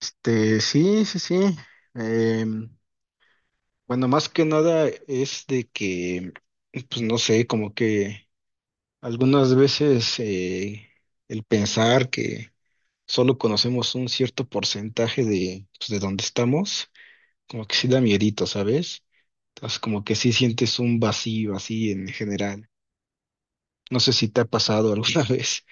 Sí, sí, sí. Em, bueno, más que nada es de que, pues no sé, como que algunas veces el pensar que solo conocemos un cierto porcentaje de, pues, de donde estamos, como que sí da miedito, ¿sabes? Entonces, como que sí sientes un vacío así en general. No sé si te ha pasado alguna vez.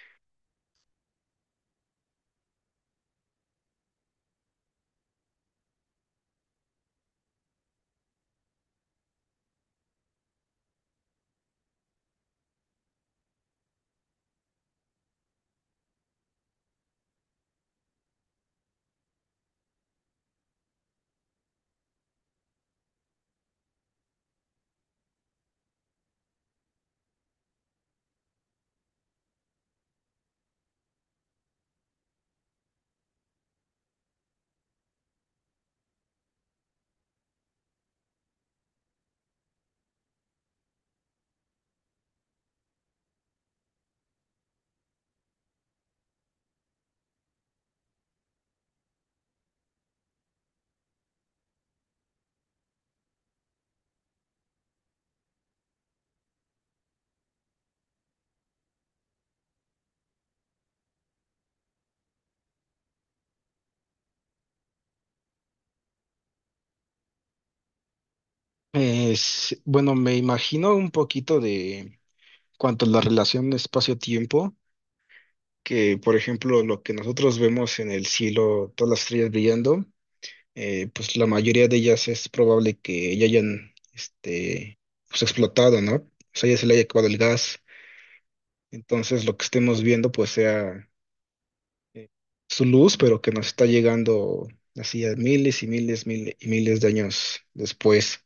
Es, bueno, me imagino un poquito de cuanto a la relación espacio-tiempo, que, por ejemplo, lo que nosotros vemos en el cielo, todas las estrellas brillando, pues la mayoría de ellas es probable que ya hayan, este, pues explotado, ¿no? O sea, ya se le haya acabado el gas. Entonces, lo que estemos viendo, pues sea eh, su luz, pero que nos está llegando así a miles y miles de años después.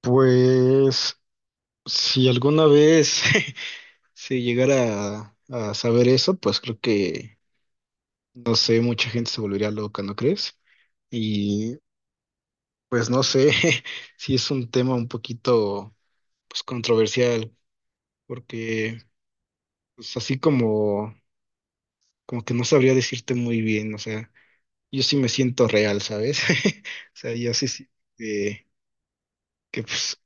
Pues, si alguna vez se llegara a saber eso, pues creo que no sé, mucha gente se volvería loca, ¿no crees? Y pues no sé si es un tema un poquito pues controversial, porque pues así como como que no sabría decirte muy bien, o sea, yo sí me siento real, ¿sabes? O sea, yo sí, sí eh, que pues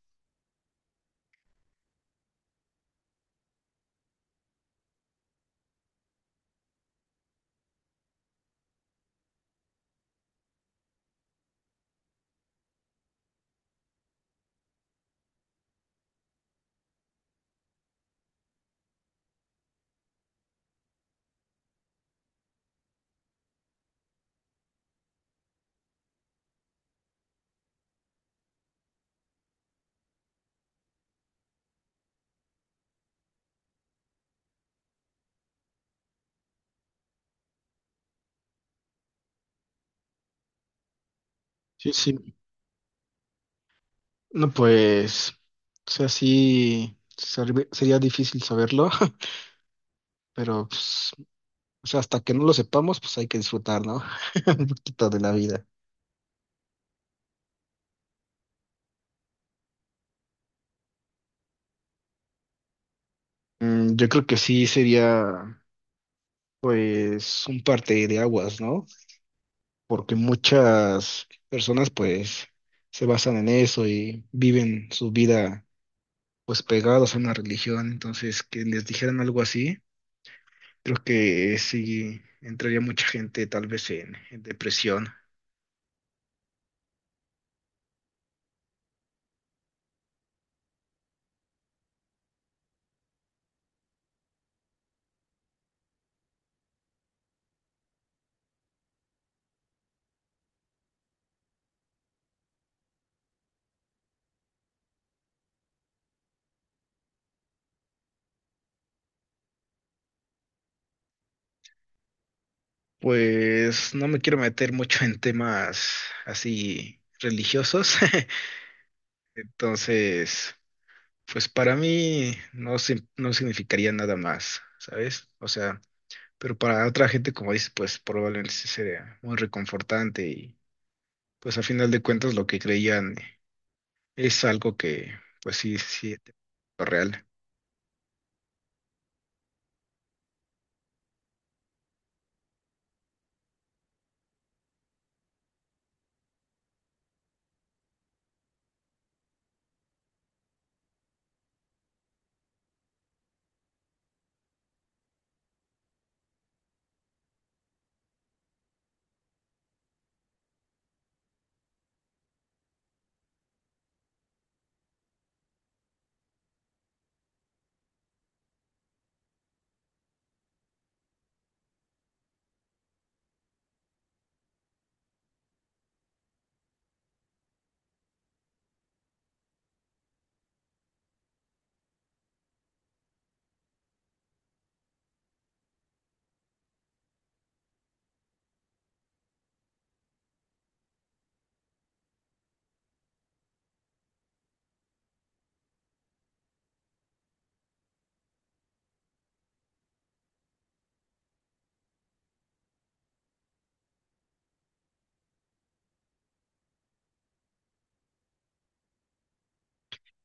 sí, sí, no pues, o sea, sí sería difícil saberlo, pero pues, o sea, hasta que no lo sepamos, pues hay que disfrutar, ¿no? Un poquito de la vida. Mm, yo creo que sí sería, pues, un parte de aguas, ¿no? Porque muchas personas, pues, se basan en eso y viven su vida, pues, pegados a una religión. Entonces, que les dijeran algo así, creo que sí entraría mucha gente, tal vez, en depresión. Pues, no me quiero meter mucho en temas así religiosos. Entonces, pues para mí no, no significaría nada más, ¿sabes? O sea, pero para otra gente, como dices, pues probablemente sí sería muy reconfortante y pues a final de cuentas lo que creían es algo que pues sí, sí, es real.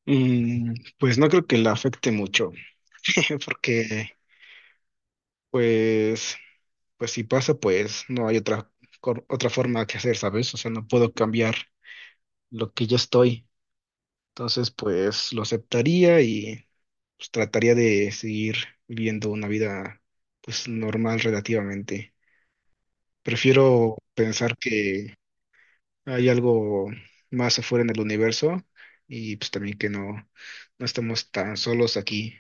Mm, pues no creo que la afecte mucho, porque pues, pues si pasa, pues no hay otra, otra forma que hacer, ¿sabes? O sea, no puedo cambiar lo que ya estoy. Entonces, pues lo aceptaría, pues trataría de seguir viviendo una vida pues normal relativamente. Prefiero pensar que hay algo más afuera en el universo y pues también que no, no estamos tan solos aquí.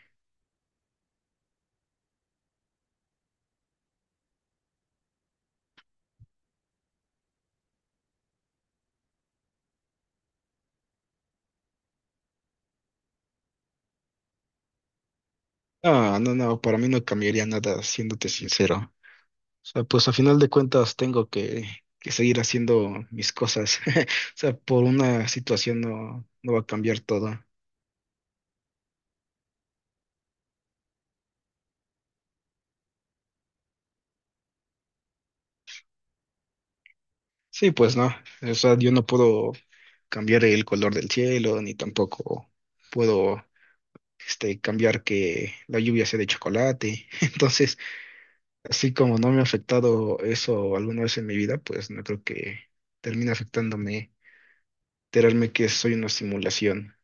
No, no, no, para mí no cambiaría nada, siéndote sincero. O sea, pues a final de cuentas tengo que seguir haciendo mis cosas. O sea, por una situación no, no va a cambiar todo. Sí, pues no. O sea, yo no puedo cambiar el color del cielo, ni tampoco puedo cambiar que la lluvia sea de chocolate. Entonces, así como no me ha afectado eso alguna vez en mi vida, pues no creo que termine afectándome, enterarme que soy una simulación.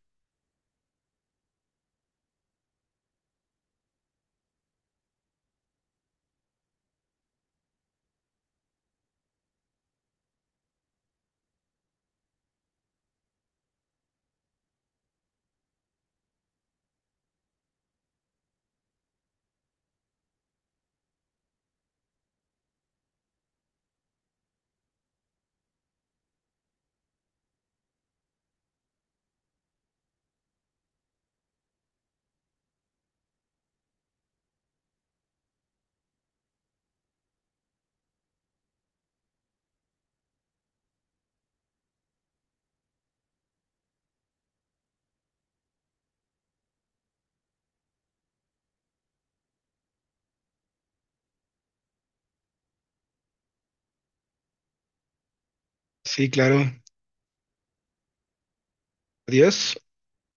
Sí, claro. Adiós.